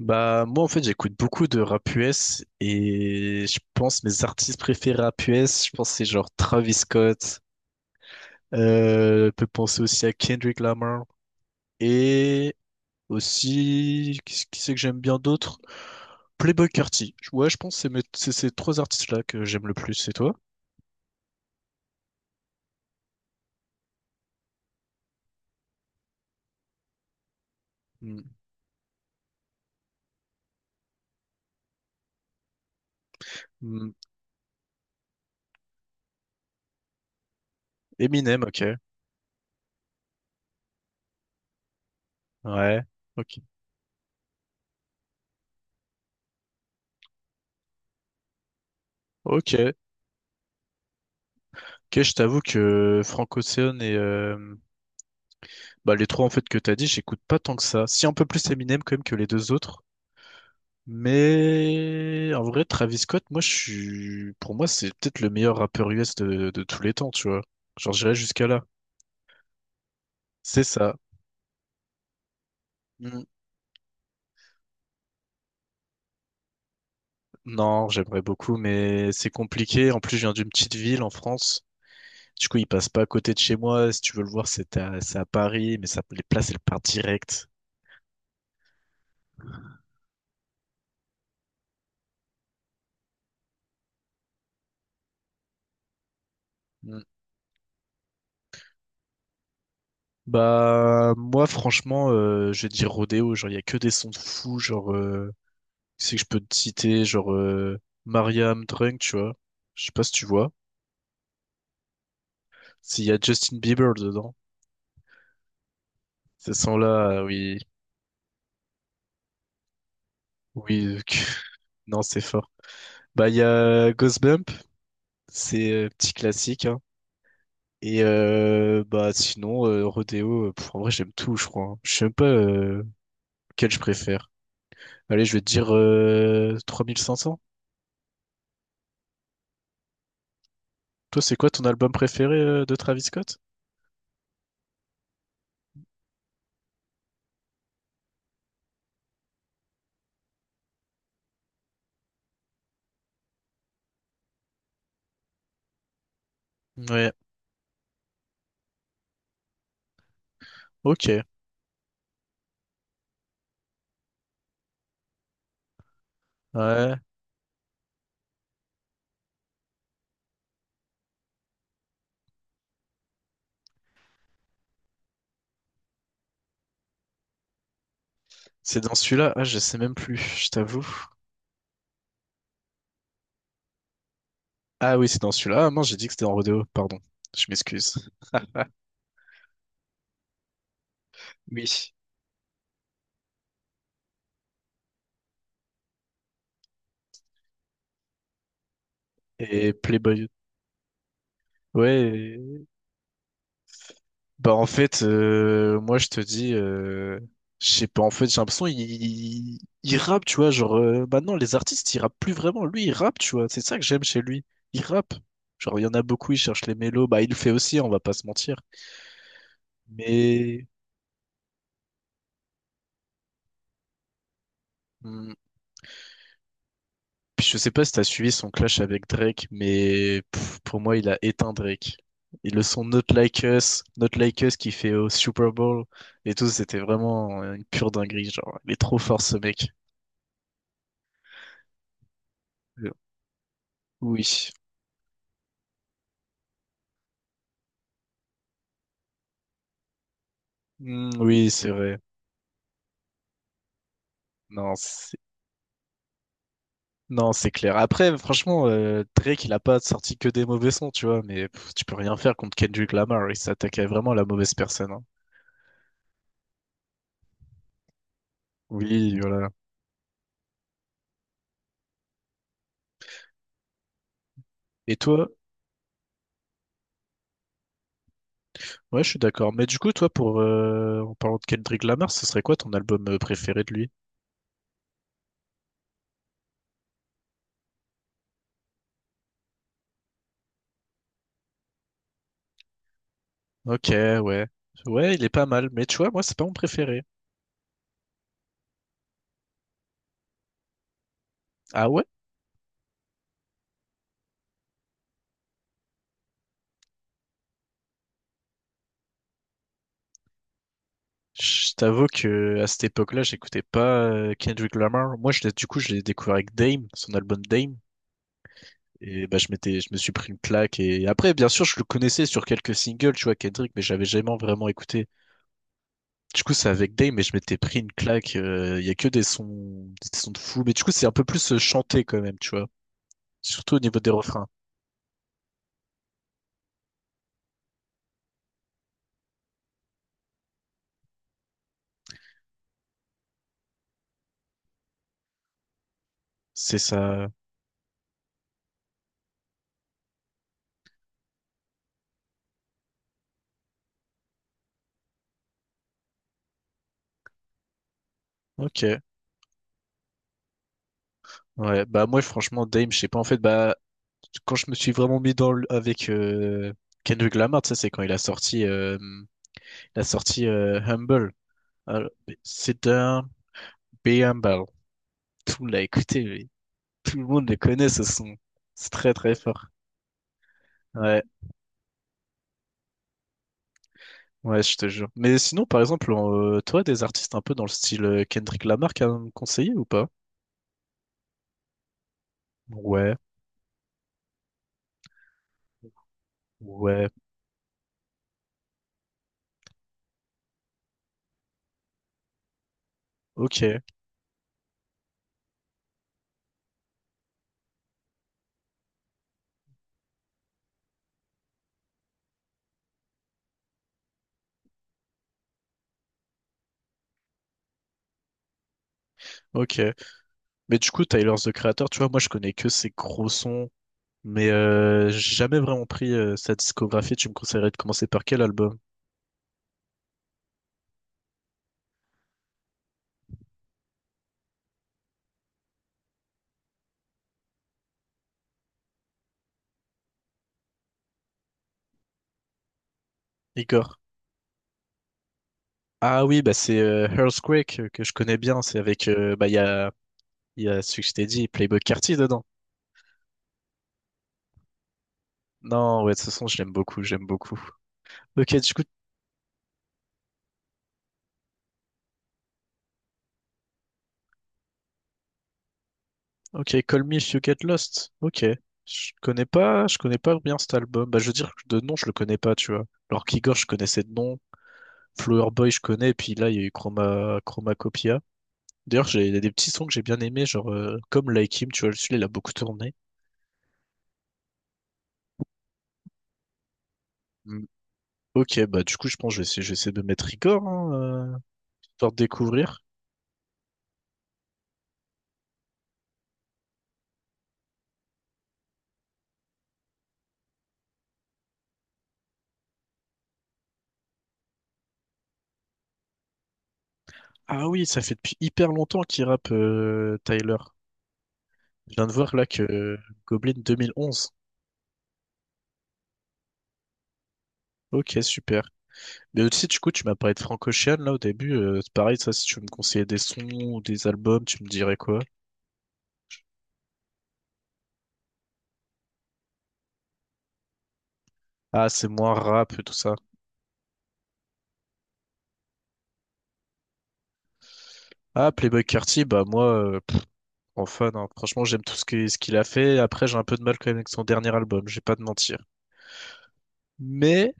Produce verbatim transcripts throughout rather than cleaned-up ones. Bah moi en fait j'écoute beaucoup de rap U S et je pense mes artistes préférés rap U S, je pense c'est genre Travis Scott, euh, je peux penser aussi à Kendrick Lamar et aussi qui qui c'est que j'aime bien d'autres? Playboi Carti. Ouais je pense que c'est mes- c'est ces trois artistes-là que j'aime le plus, c'est toi? Hmm. Hmm. Eminem, ok. Ouais. Ok. Ok. Ok, je t'avoue que Frank Ocean et euh, bah, les trois en fait que t'as dit, j'écoute pas tant que ça. Si un peu plus Eminem quand même que les deux autres. Mais en vrai, Travis Scott, moi, je suis, pour moi, c'est peut-être le meilleur rappeur U S de, de tous les temps, tu vois. Genre, j'irais jusqu'à là. C'est ça. Mm. Non, j'aimerais beaucoup, mais c'est compliqué. En plus, je viens d'une petite ville en France. Du coup, il passe pas à côté de chez moi. Si tu veux le voir, c'est à, c'est à Paris, mais ça, les places, elles partent direct. Bah moi franchement euh, je vais dire Rodéo, genre il y a que des sons de fou, genre euh, c'est que je peux te citer, genre euh, Mariam Drunk, tu vois. Je sais pas si tu vois. S'il y a Justin Bieber dedans. Ces sons-là, euh, oui, oui, euh, que- non c'est fort. Bah il y a Ghost Bump, c'est euh, petit classique, hein. Et euh, bah sinon euh, Rodéo, euh, pff, en vrai j'aime tout je crois, hein. Je sais même pas euh, lequel je préfère. Allez, je vais te dire euh, trente-cinq cents. Toi, c'est quoi ton album préféré euh, de Travis Scott? Ouais, ok. Ouais. C'est dans celui-là? Ah, je sais même plus, je t'avoue. Ah oui, c'est dans celui-là. Ah mince, j'ai dit que c'était en rodeo, pardon. Je m'excuse. Oui. Et Playboy. Ouais, bah en fait, euh, moi je te dis, euh, je sais pas, en fait j'ai l'impression il, il, il rappe, tu vois, genre euh, maintenant les artistes ils rappent plus vraiment, lui il rappe, tu vois, c'est ça que j'aime chez lui, il rappe. Genre il y en a beaucoup, il cherche les mélos, bah il le fait aussi, on va pas se mentir. Mais hmm, puis je sais pas si t'as suivi son clash avec Drake, mais pff, pour moi il a éteint Drake. Et le son Not Like Us, Not Like Us qu'il fait au Super Bowl et tout, c'était vraiment une pure dinguerie, genre il est trop fort ce mec. Euh, Oui. Hmm, oui, c'est vrai. Non, c'est... Non, c'est clair. Après, franchement, euh, Drake, il a pas sorti que des mauvais sons, tu vois, mais pff, tu peux rien faire contre Kendrick Lamar. Il s'attaquait vraiment à la mauvaise personne, hein. Oui, voilà. Et toi? Ouais, je suis d'accord. Mais du coup, toi, pour euh, en parlant de Kendrick Lamar, ce serait quoi ton album euh, préféré de lui? Ok, ouais. Ouais, il est pas mal. Mais tu vois, moi, c'est pas mon préféré. Ah ouais? Je t'avoue que à cette époque-là, j'écoutais pas euh, Kendrick Lamar. Moi, je l'ai, du coup, je l'ai découvert avec Dame, son album Dame. Et bah, je m'étais, je me suis pris une claque. Et après, bien sûr, je le connaissais sur quelques singles, tu vois, Kendrick, mais j'avais jamais vraiment écouté. Du coup, c'est avec Dame, mais je m'étais pris une claque. euh, Il y a que des sons, des sons de fou. Mais du coup, c'est un peu plus euh, chanté quand même, tu vois. Surtout au niveau des refrains. C'est ça. Ok. Ouais. Bah, moi, franchement, Dame, je sais pas. En fait, bah, quand je me suis vraiment mis dans le, avec euh, Kendrick Lamar, tu sais, c'est quand il a sorti, euh, il a sorti euh, Humble. Alors, c'est un Be Humble. Tout l'a écouté, tout le monde les connaît, ce son. C'est très très fort. Ouais, ouais, je te jure. Mais sinon, par exemple, en, euh, toi, des artistes un peu dans le style euh, Kendrick Lamar à me conseiller ou pas? Ouais, ouais, ok, ok. Mais du coup, Tyler, The Creator, tu vois, moi, je connais que ses gros sons, mais euh, j'ai jamais vraiment pris euh, sa discographie. Tu me conseillerais de commencer par quel album? Igor. Ah oui, bah c'est euh, Earthquake euh, que je connais bien. C'est avec, euh, bah, il y a, il y a celui que je t'ai dit, Playboi Carti dedans. Non, ouais, de toute façon, je l'aime beaucoup, j'aime beaucoup. Ok, du coup, ok, Call Me If You Get Lost. Ok. Je connais pas, je connais pas bien cet album. Bah, je veux dire, de nom, je le connais pas, tu vois. Alors qu'Igor, je connaissais de nom. Flower Boy, je connais. Et puis là, il y a eu Chroma, Chromacopia. D'ailleurs, j'ai, il y a des petits sons que j'ai bien aimés, genre, euh, comme Like Him, tu vois, celui-là, il a beaucoup tourné. Mm. Ok, bah, du coup, je pense que je vais essayer, je vais essayer de mettre Igor, hein, euh, histoire de découvrir. Ah oui, ça fait depuis hyper longtemps qu'il rappe, euh, Tyler. Je viens de voir là que euh, Goblin deux mille onze. Ok, super. Mais aussi, du coup, tu m'as parlé de Franco Ocean, là, au début. Euh, c'est pareil, ça, si tu veux me conseillais des sons ou des albums, tu me dirais quoi? Ah, c'est moins rap et tout ça. Ah, Playboi Carti, bah moi, euh, pff, en fan, hein. Franchement, j'aime tout ce que- ce qu'il a fait. Après, j'ai un peu de mal quand même avec son dernier album, je vais pas te mentir. Mais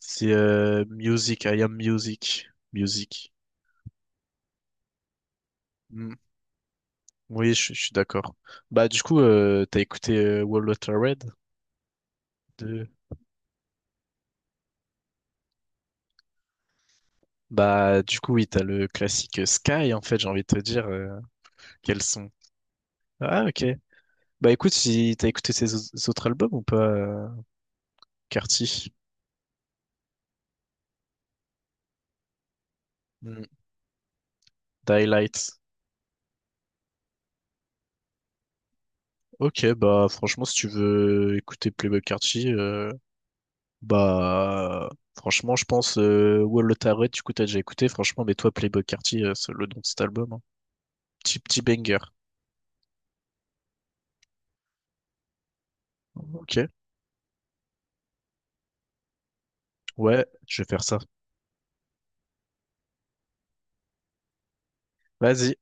c'est euh, Music, I am Music. Music. Hmm. Oui, je, je suis d'accord. Bah du coup, euh, t'as écouté euh, Wall Water Red de... Bah du coup, oui, t'as le classique euh, Sky, en fait, j'ai envie de te dire. Euh, quels sont. Ah, ok. Bah écoute, si t'as écouté ses au- autres albums ou pas, euh, Carty? Mm. Daylight. Ok, bah franchement, si tu veux écouter Playboi Carti, euh, bah franchement, je pense euh, Wall of Tarot, du coup, t'as déjà écouté, franchement, mais toi, Playboi Carti, euh, c'est le nom de cet album, hein. Petit, petit banger. Ok, ouais, je vais faire ça. Vas-y.